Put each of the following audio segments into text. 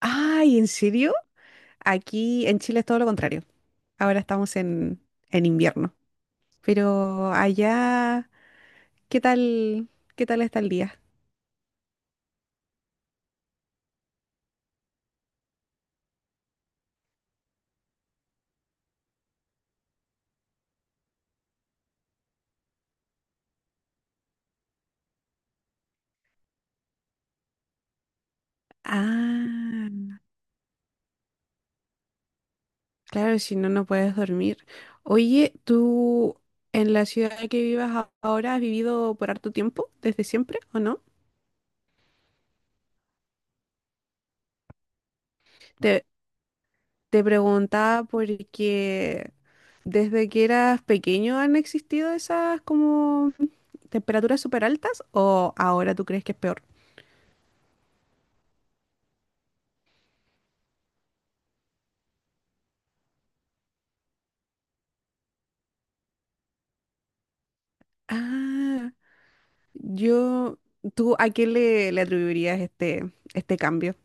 Ay, ¿en serio? Aquí en Chile es todo lo contrario. Ahora estamos en invierno. Pero allá, ¿qué tal, qué tal está el día? Ah, claro, si no, no puedes dormir. Oye, ¿tú en la ciudad que vivas ahora has vivido por harto tiempo, desde siempre o no? Te, te preguntaba porque desde que eras pequeño han existido esas como temperaturas súper altas, ¿o ahora tú crees que es peor? Ah, yo, ¿tú a qué le atribuirías este cambio?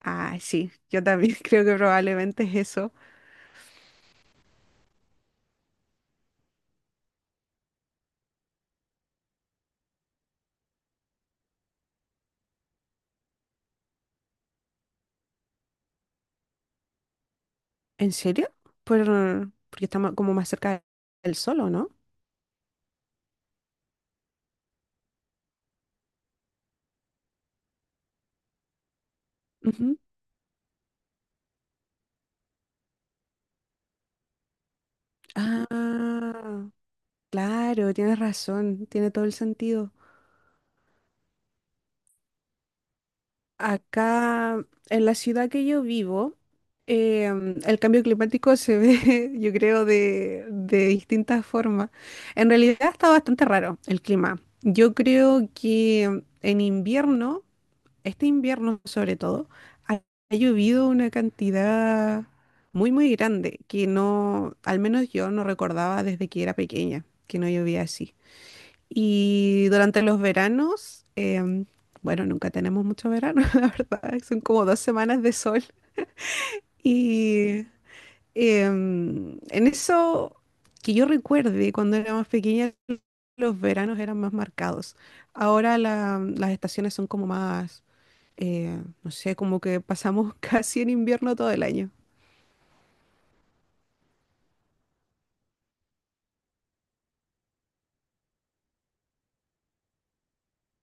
Ah, sí, yo también creo que probablemente es eso. ¿En serio? Por, porque estamos como más cerca del sol, ¿o no? Ujú. Ah, claro, tienes razón, tiene todo el sentido. Acá, en la ciudad que yo vivo, el cambio climático se ve, yo creo, de distintas formas. En realidad está bastante raro el clima. Yo creo que en invierno, este invierno sobre todo, ha, ha llovido una cantidad muy, muy grande que no, al menos yo no recordaba desde que era pequeña, que no llovía así. Y durante los veranos, bueno, nunca tenemos mucho verano, la verdad, son como dos semanas de sol. Y en eso que yo recuerde, cuando era más pequeña, los veranos eran más marcados. Ahora las estaciones son como más, no sé, como que pasamos casi en invierno todo el año.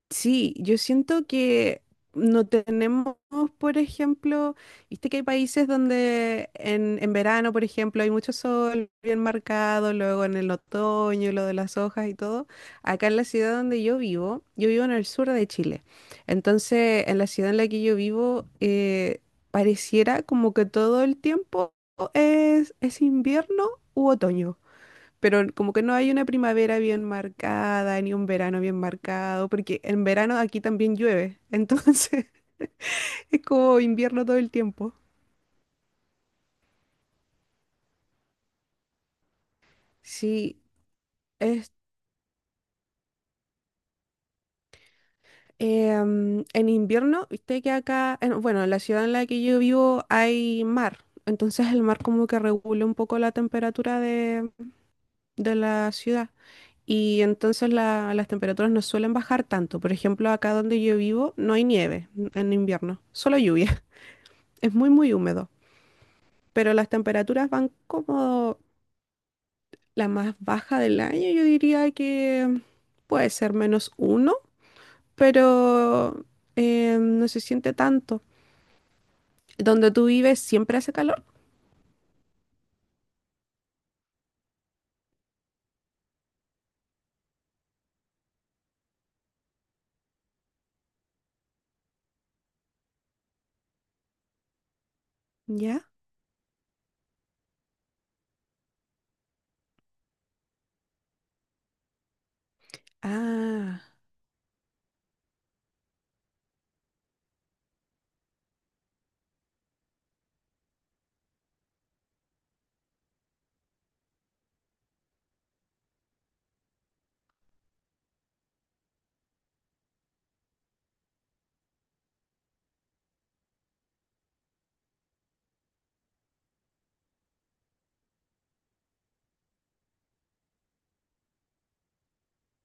Sí, yo siento que no tenemos, por ejemplo, viste que hay países donde en verano, por ejemplo, hay mucho sol bien marcado, luego en el otoño, lo de las hojas y todo. Acá en la ciudad donde yo vivo en el sur de Chile. Entonces, en la ciudad en la que yo vivo, pareciera como que todo el tiempo es invierno u otoño, pero como que no hay una primavera bien marcada, ni un verano bien marcado, porque en verano aquí también llueve, entonces es como invierno todo el tiempo. Sí, es, en invierno, viste que acá, bueno, en la ciudad en la que yo vivo hay mar, entonces el mar como que regula un poco la temperatura de la ciudad. Y entonces las temperaturas no suelen bajar tanto. Por ejemplo, acá donde yo vivo no hay nieve en invierno, solo lluvia. Es muy, muy húmedo, pero las temperaturas van como la más baja del año. Yo diría que puede ser -1, pero no se siente tanto. ¿Donde tú vives siempre hace calor? ¿Ya? Ah,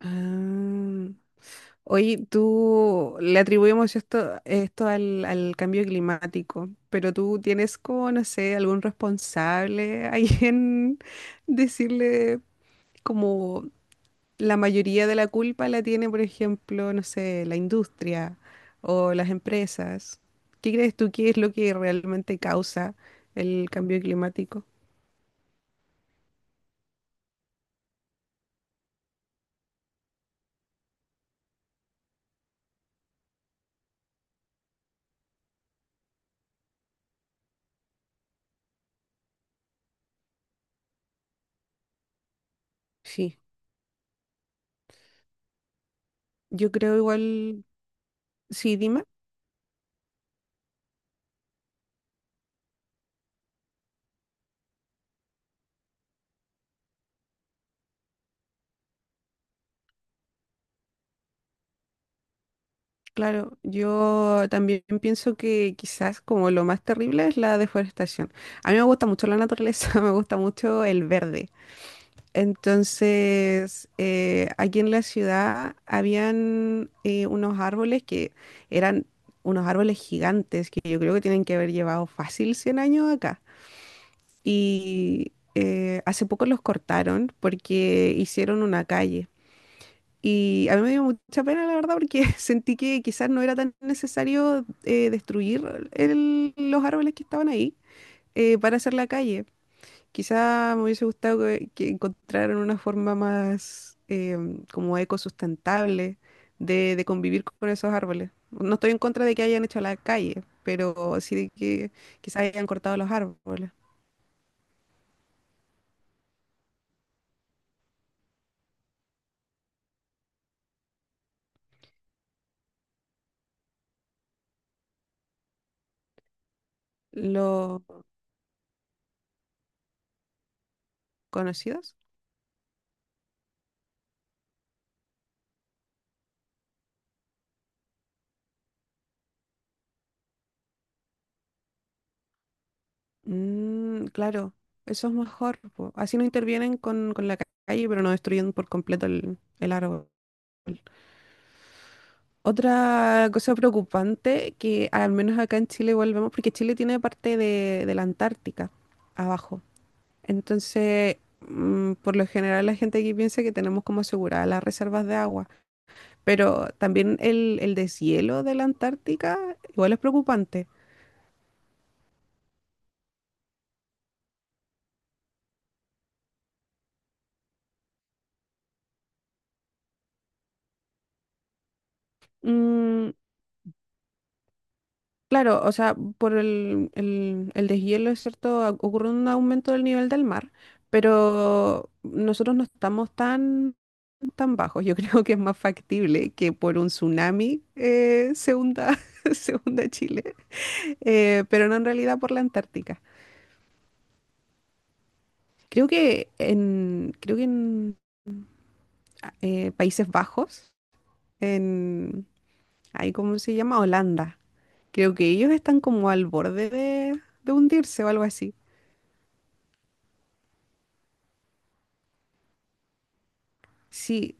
ah. Oye, tú le atribuimos esto, al cambio climático, pero tú tienes como, no sé, algún responsable ahí, en decirle como la mayoría de la culpa la tiene, por ejemplo, no sé, la industria o las empresas. ¿Qué crees tú que es lo que realmente causa el cambio climático? Sí. Yo creo igual, sí, Dima, claro, yo también pienso que quizás como lo más terrible es la deforestación. A mí me gusta mucho la naturaleza, me gusta mucho el verde. Entonces, aquí en la ciudad habían unos árboles que eran unos árboles gigantes que yo creo que tienen que haber llevado fácil 100 años acá. Y hace poco los cortaron porque hicieron una calle. Y a mí me dio mucha pena, la verdad, porque sentí que quizás no era tan necesario destruir los árboles que estaban ahí, para hacer la calle. Quizá me hubiese gustado que encontraran una forma más como ecosustentable de, convivir con esos árboles. No estoy en contra de que hayan hecho la calle, pero sí de que quizá hayan cortado los árboles. ¿Los conocidos? Mm, claro, eso es mejor, po. Así no intervienen con la calle, pero no destruyen por completo el árbol. Otra cosa preocupante, que al menos acá en Chile volvemos, porque Chile tiene parte de, la Antártica abajo. Entonces, por lo general la gente aquí piensa que tenemos como aseguradas las reservas de agua, pero también el deshielo de la Antártica igual es preocupante. Mm, claro, o sea, por el deshielo, es cierto, ocurre un aumento del nivel del mar, pero nosotros no estamos tan bajos. Yo creo que es más factible que por un tsunami, se hunda, se hunda Chile, pero no en realidad por la Antártica. Creo que en Países Bajos, en, ahí cómo se llama, Holanda. Creo que ellos están como al borde de hundirse o algo así. Sí,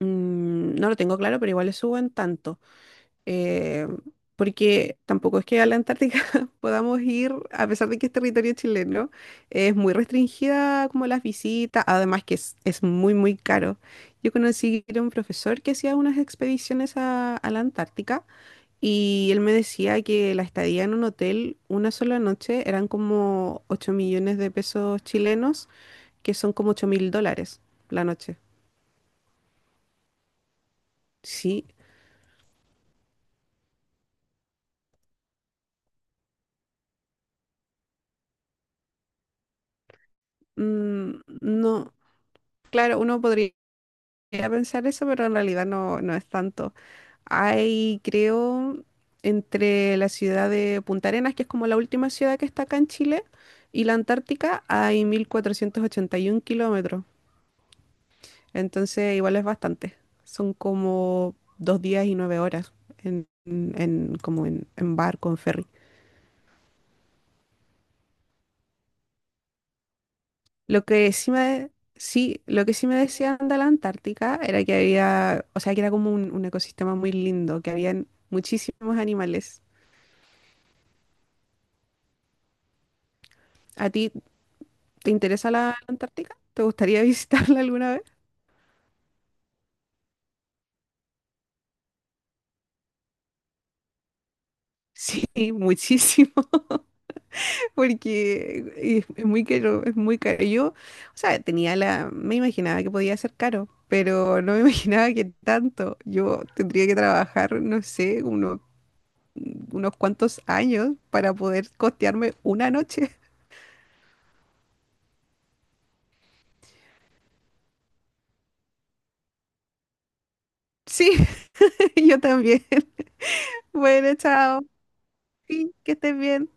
no lo tengo claro, pero igual le suben tanto. eh, porque tampoco es que a la Antártica podamos ir, a pesar de que es territorio chileno, es muy restringida como las visitas, además que es muy, muy caro. Yo conocí a un profesor que hacía unas expediciones a la Antártica, y él me decía que la estadía en un hotel una sola noche eran como 8.000.000 de pesos chilenos, que son como 8.000 dólares la noche. Sí, mm, no. Claro, uno podría a pensar eso, pero en realidad no, no es tanto. Hay, creo, entre la ciudad de Punta Arenas, que es como la última ciudad que está acá en Chile, y la Antártica, hay 1.481 kilómetros. Entonces, igual es bastante. Son como 2 días y 9 horas en, como en barco, en ferry. Lo que sí me, sí, lo que sí me decían de la Antártica era que había, o sea, que era como un ecosistema muy lindo, que habían muchísimos animales. ¿A ti te interesa la Antártica? ¿Te gustaría visitarla alguna vez? Sí, muchísimo, porque es muy caro, es muy caro. Yo, o sea, tenía la, me imaginaba que podía ser caro, pero no me imaginaba que tanto. Yo tendría que trabajar, no sé, unos cuantos años para poder costearme una noche. Sí, yo también. Bueno, chao. Sí, que estés bien.